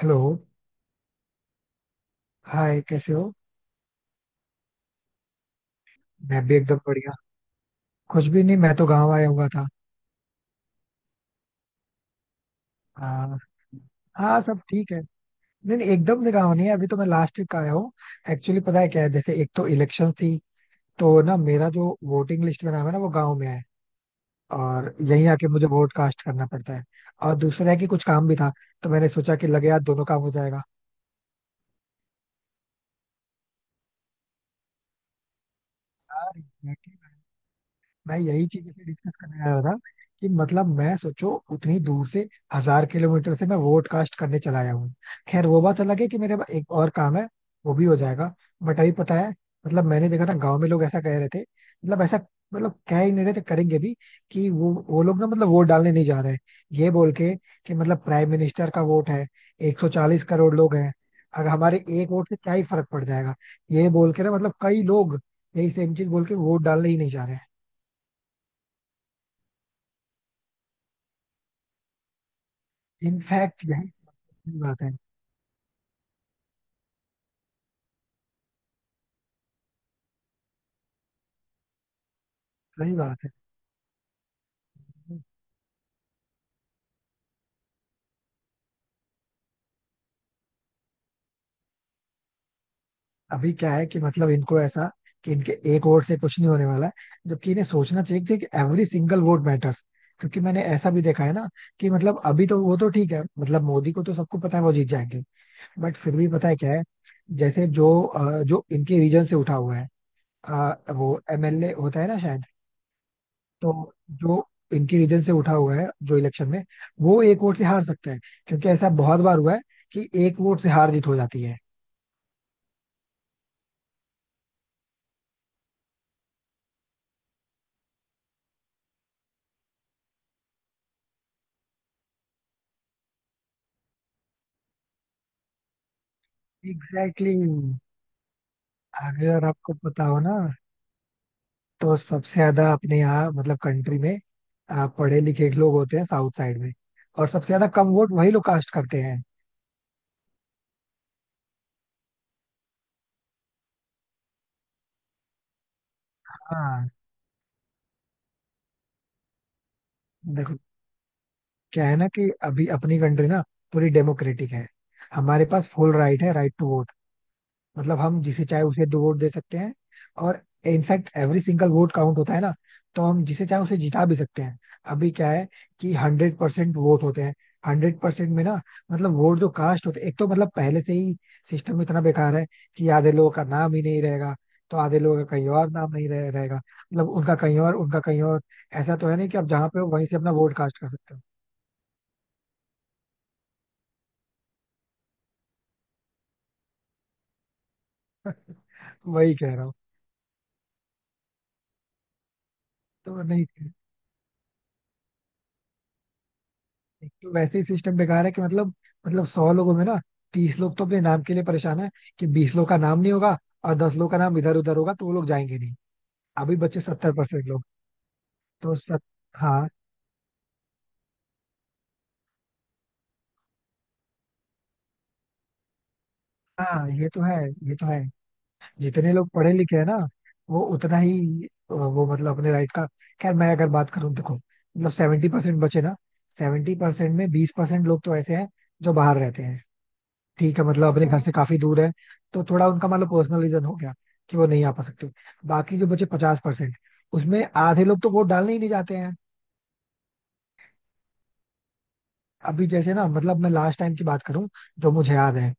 Hello. Hi, कैसे हो? मैं भी एकदम बढ़िया। कुछ भी नहीं, मैं तो गांव आया हुआ था। हाँ। हाँ, सब ठीक है। नहीं नहीं, एकदम से गांव नहीं है, अभी तो मैं लास्ट वीक आया हूँ। एक्चुअली, पता है क्या है, जैसे एक तो इलेक्शन थी, तो ना मेरा जो वोटिंग लिस्ट में नाम है ना, वो गांव में है, और यहीं आके मुझे वोट कास्ट करना पड़ता है। और दूसरा है कि कुछ काम भी था, तो मैंने सोचा कि लगे यार, दोनों काम हो जाएगा। यार, exactly। मैं यही चीज इसे डिस्कस करने जा रहा था कि मतलब मैं, सोचो, उतनी दूर से, 1000 किलोमीटर से मैं वोट कास्ट करने चला आया हूँ। खैर वो बात अलग है कि मेरे पास एक और काम है, वो भी हो जाएगा। बट अभी पता है, मतलब मैंने देखा ना, गांव में लोग ऐसा कह रहे थे, मतलब ऐसा, मतलब कह ही नहीं रहे थे, करेंगे भी, कि वो लोग ना, मतलब वोट डालने नहीं जा रहे हैं, ये बोल के कि मतलब प्राइम मिनिस्टर का वोट है, 140 करोड़ लोग हैं, अगर हमारे एक वोट से क्या ही फर्क पड़ जाएगा। ये बोल के ना, मतलब कई लोग यही सेम चीज बोल के वोट डालने ही नहीं जा रहे। इनफैक्ट यार, सही बात है। सही बात है। अभी क्या है कि मतलब इनको ऐसा, कि इनके एक वोट से कुछ नहीं होने वाला है, जबकि इन्हें सोचना चाहिए कि एवरी सिंगल वोट मैटर्स। क्योंकि मैंने ऐसा भी देखा है ना, कि मतलब अभी तो वो तो ठीक है, मतलब मोदी को तो सबको पता है वो जीत जाएंगे, बट फिर भी पता है क्या है, जैसे जो जो इनके रीजन से उठा हुआ है, अ, वो एमएलए होता है ना शायद, तो जो इनके रीजन से उठा हुआ है जो इलेक्शन में, वो एक वोट से हार सकता है, क्योंकि ऐसा बहुत बार हुआ है कि एक वोट से हार जीत हो जाती है। Exactly exactly। अगर आपको पता हो ना, तो सबसे ज्यादा अपने यहाँ मतलब कंट्री में पढ़े लिखे लोग होते हैं साउथ साइड में, और सबसे ज्यादा कम वोट वही लोग कास्ट करते हैं। हाँ। देखो, क्या है ना कि अभी अपनी कंट्री ना पूरी डेमोक्रेटिक है, हमारे पास फुल राइट है, राइट टू वोट। मतलब हम जिसे चाहे उसे दो वोट दे सकते हैं, और in fact every single vote count होता है ना, तो हम जिसे चाहे उसे जिता भी सकते हैं। अभी क्या है कि 100% वोट होते हैं। 100% में ना, मतलब वोट जो कास्ट होते हैं, एक तो मतलब पहले से ही सिस्टम इतना बेकार है कि आधे लोगों का नाम ही नहीं रहेगा, तो आधे लोगों का कहीं और नाम नहीं रहे, रहेगा, मतलब उनका कहीं और, उनका कहीं और। ऐसा तो है नहीं कि आप जहाँ पे हो वहीं से अपना वोट कास्ट कर सकते हो। वही कह रहा हूँ। तो नहीं। एक तो वैसे ही सिस्टम बेकार है कि मतलब, मतलब 100 लोगों में ना, 30 लोग तो अपने नाम के लिए परेशान है कि 20 लोग का नाम नहीं होगा और 10 लोग का नाम इधर उधर होगा, तो वो लोग जाएंगे नहीं। अभी बच्चे 70% लोग। तो सत हाँ। हाँ, ये तो है। ये तो है। जितने लोग पढ़े लिखे हैं ना, वो उतना ही, वो मतलब अपने राइट का। खैर मैं अगर बात करूँ, देखो मतलब 70% बचे ना। सेवेंटी परसेंट में 20% लोग तो ऐसे हैं जो बाहर रहते हैं, ठीक है, मतलब अपने घर से काफी दूर है, तो थोड़ा उनका मतलब पर्सनल रीजन हो गया कि वो नहीं आ पा सकते। बाकी जो बचे 50%, उसमें आधे लोग तो वोट डालने ही नहीं जाते हैं। अभी जैसे ना, मतलब मैं लास्ट टाइम की बात करूं, जो मुझे याद है,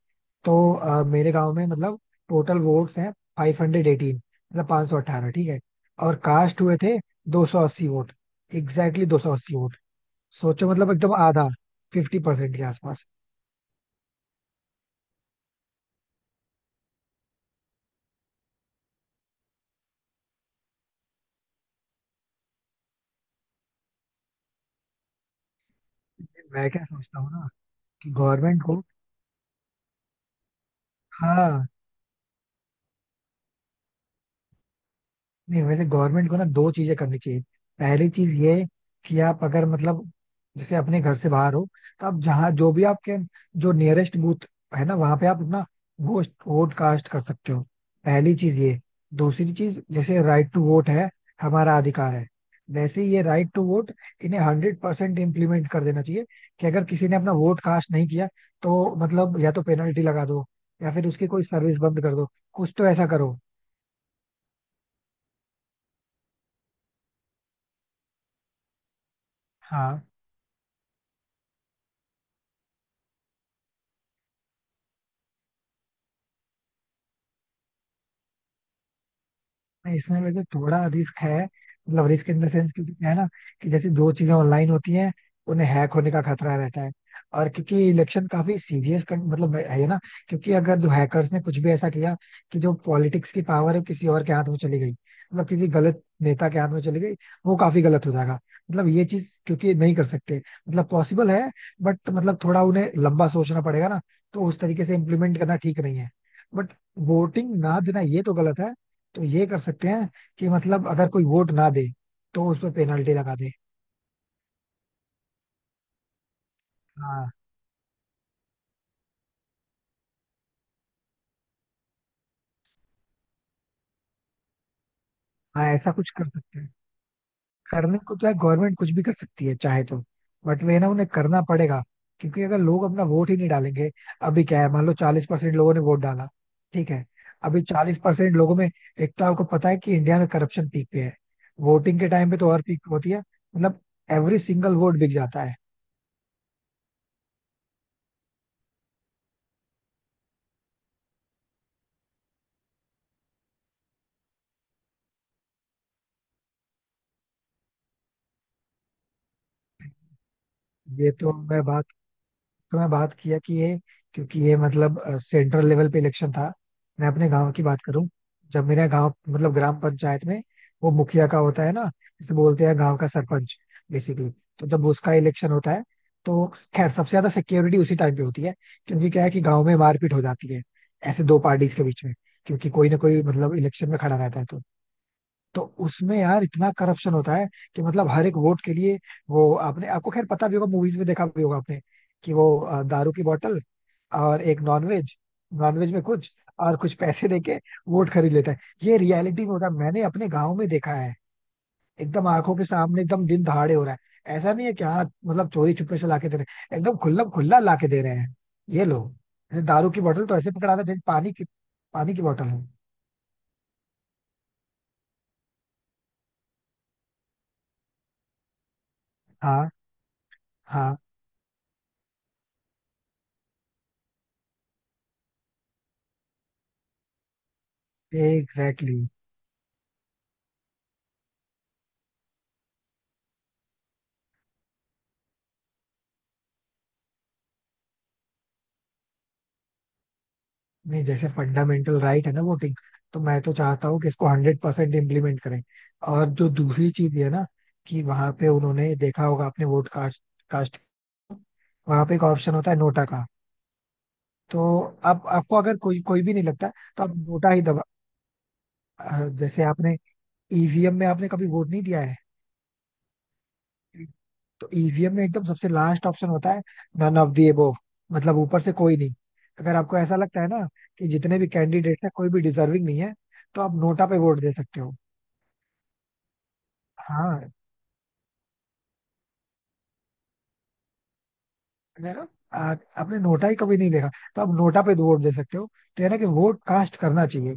तो मेरे गांव में मतलब टोटल वोट्स हैं 518, मतलब 518, ठीक है। और कास्ट हुए थे 280 वोट। Exactly 280 vote. सोचो, मतलब एकदम आधा, 50% के आसपास। मैं क्या सोचता हूँ ना, कि गवर्नमेंट को। हाँ, नहीं वैसे गवर्नमेंट को ना दो चीजें करनी चाहिए। पहली चीज ये, कि आप अगर मतलब जैसे अपने घर से बाहर हो, तो आप जहाँ, जो भी आपके जो नियरेस्ट बूथ है ना, वहां पे आप अपना वोट वोट कास्ट कर सकते हो। पहली चीज ये। दूसरी चीज, जैसे राइट टू वोट है, हमारा अधिकार है, वैसे ही ये राइट टू वोट इन्हें 100% इम्प्लीमेंट कर देना चाहिए, कि अगर किसी ने अपना वोट कास्ट नहीं किया तो मतलब या तो पेनल्टी लगा दो, या फिर उसकी कोई सर्विस बंद कर दो, कुछ तो ऐसा करो। हाँ, नहीं, इसमें वैसे थोड़ा रिस्क है, मतलब रिस्क इन द सेंस, क्योंकि क्या है ना, कि जैसे दो चीजें ऑनलाइन होती हैं, उन्हें हैक होने का खतरा रहता है। और क्योंकि इलेक्शन काफी सीरियस, मतलब, है ना, क्योंकि अगर जो हैकर्स ने कुछ भी ऐसा किया कि जो पॉलिटिक्स की पावर है वो किसी और के हाथ में चली गई, मतलब किसी गलत नेता के हाथ में चली गई, वो काफी गलत हो जाएगा। मतलब ये चीज क्योंकि नहीं कर सकते, मतलब पॉसिबल है, बट मतलब थोड़ा उन्हें लंबा सोचना पड़ेगा ना, तो उस तरीके से इम्प्लीमेंट करना ठीक नहीं है। बट वोटिंग ना देना, ये तो गलत है। तो ये कर सकते हैं कि मतलब अगर कोई वोट ना दे, तो उस पर पेनल्टी लगा दे। हाँ हाँ, ऐसा कुछ कर सकते हैं। करने को तो है, गवर्नमेंट कुछ भी कर सकती है चाहे तो, बट वे ना, उन्हें करना पड़ेगा। क्योंकि अगर लोग अपना वोट ही नहीं डालेंगे। अभी क्या है, मान लो 40% लोगों ने वोट डाला, ठीक है। अभी 40% लोगों में, एक तो आपको पता है कि इंडिया में करप्शन पीक पे है, वोटिंग के टाइम पे तो और पीक होती है, मतलब एवरी सिंगल वोट बिक जाता है। ये तो मैं बात किया कि ये, क्योंकि ये मतलब सेंट्रल लेवल पे इलेक्शन था। मैं अपने गांव की बात करूं, जब मेरा गांव, मतलब ग्राम पंचायत में, वो मुखिया का होता है ना, जिसे बोलते हैं गांव का सरपंच, बेसिकली। तो जब उसका इलेक्शन होता है, तो खैर सबसे ज्यादा सिक्योरिटी उसी टाइम पे होती है, क्योंकि क्या है कि गांव में मारपीट हो जाती है, ऐसे दो पार्टीज के बीच में, क्योंकि कोई ना कोई मतलब इलेक्शन में खड़ा रहता है। तो उसमें यार इतना करप्शन होता है कि मतलब हर एक वोट के लिए, वो आपने, आपको खैर पता भी होगा, मूवीज में देखा भी होगा आपने, कि वो दारू की बोतल और एक नॉनवेज, नॉनवेज में कुछ, और कुछ पैसे देके वोट खरीद लेता है। ये रियलिटी में होता है, मैंने अपने गांव में देखा है, एकदम आंखों के सामने, एकदम दिन दहाड़े हो रहा है। ऐसा नहीं है कि हाँ मतलब चोरी छुपे से लाके दे रहे हैं, एकदम खुला खुला लाके दे रहे हैं ये लोग। जैसे दारू की बोतल तो ऐसे पकड़ा था जैसे पानी की, पानी की बोतल हो। हाँ हाँ एग्जैक्टली। नहीं, जैसे फंडामेंटल राइट है ना वोटिंग, तो मैं तो चाहता हूँ कि इसको 100% इम्प्लीमेंट करें। और जो दूसरी चीज है ना, कि वहां पे, उन्होंने देखा होगा आपने, वोट कास्ट कास्ट, वहां पे एक ऑप्शन होता है नोटा का। तो आप आपको अगर कोई कोई भी नहीं लगता, तो आप नोटा ही दबा। जैसे आपने ईवीएम में आपने कभी वोट नहीं दिया है, तो ईवीएम में एकदम सबसे लास्ट ऑप्शन होता है, नन ऑफ दी एबोव, मतलब ऊपर से कोई नहीं। अगर आपको ऐसा लगता है ना कि जितने भी कैंडिडेट है कोई भी डिजर्विंग नहीं है, तो आप नोटा पे वोट दे सकते हो। हाँ, देखा? आ- आपने नोटा ही कभी नहीं देखा, तो आप नोटा पे वोट दे सकते हो। तो है ना कि वोट कास्ट करना चाहिए,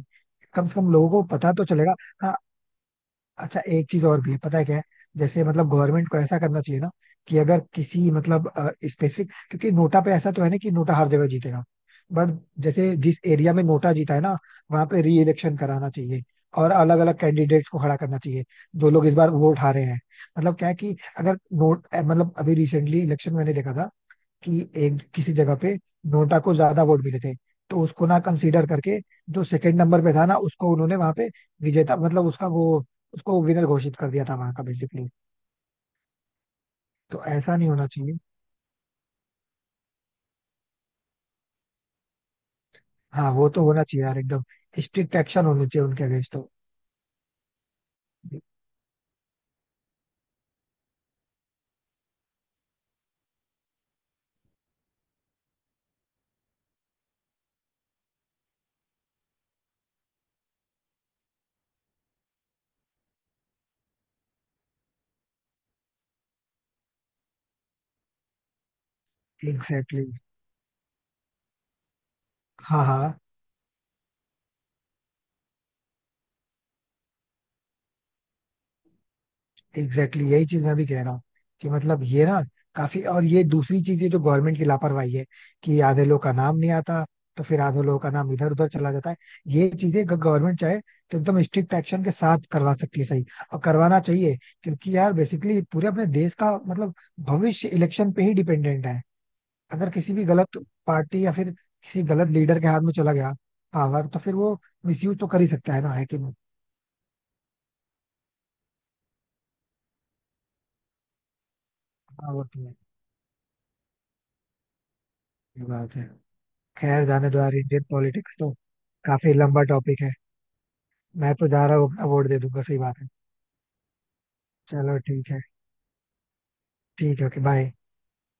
कम से कम लोगों को पता तो चलेगा। हाँ। अच्छा, एक चीज और भी है, पता है क्या है, जैसे मतलब गवर्नमेंट को ऐसा करना चाहिए ना, कि अगर किसी मतलब स्पेसिफिक, क्योंकि नोटा पे ऐसा तो है ना कि नोटा हर जगह जीतेगा, बट जैसे जिस एरिया में नोटा जीता है ना, वहां पे री इलेक्शन कराना चाहिए, और अलग अलग कैंडिडेट्स को खड़ा करना चाहिए, जो लोग इस बार वोट हारे हैं। मतलब क्या है कि अगर मतलब अभी रिसेंटली इलेक्शन मैंने देखा था, कि एक किसी जगह पे नोटा को ज्यादा वोट मिले थे, तो उसको ना कंसीडर करके जो सेकंड नंबर पे था ना, उसको उन्होंने वहां पे विजेता, मतलब उसका वो, उसको विनर घोषित कर दिया था वहां का बेसिकली। तो ऐसा नहीं होना चाहिए। हाँ वो तो होना चाहिए यार, एकदम स्ट्रिक्ट एक्शन होने चाहिए उनके अगेंस्ट तो। Exactly exactly। हाँ हाँ एग्जैक्टली exactly, यही चीज मैं भी कह रहा हूँ, कि मतलब ये ना काफी, और ये दूसरी चीज, ये जो गवर्नमेंट की लापरवाही है, कि आधे लोग का नाम नहीं आता, तो फिर आधे लोगों का नाम इधर उधर चला जाता है। ये चीजें गवर्नमेंट चाहे तो एकदम स्ट्रिक्ट एक्शन के साथ करवा सकती है, सही, और करवाना चाहिए। क्योंकि यार बेसिकली पूरे अपने देश का मतलब भविष्य इलेक्शन पे ही डिपेंडेंट है। अगर किसी भी गलत पार्टी या फिर किसी गलत लीडर के हाथ में चला गया पावर, तो फिर वो मिसयूज तो कर ही सकता है ना, है कि नहीं। हाँ, वो तो है। ये बात है। खैर जाने दो यार, इंडियन पॉलिटिक्स तो काफी लंबा टॉपिक है। मैं तो जा रहा हूँ, अपना वोट दे दूंगा, सही बात है। चलो ठीक है। ठीक है, ओके, बाय।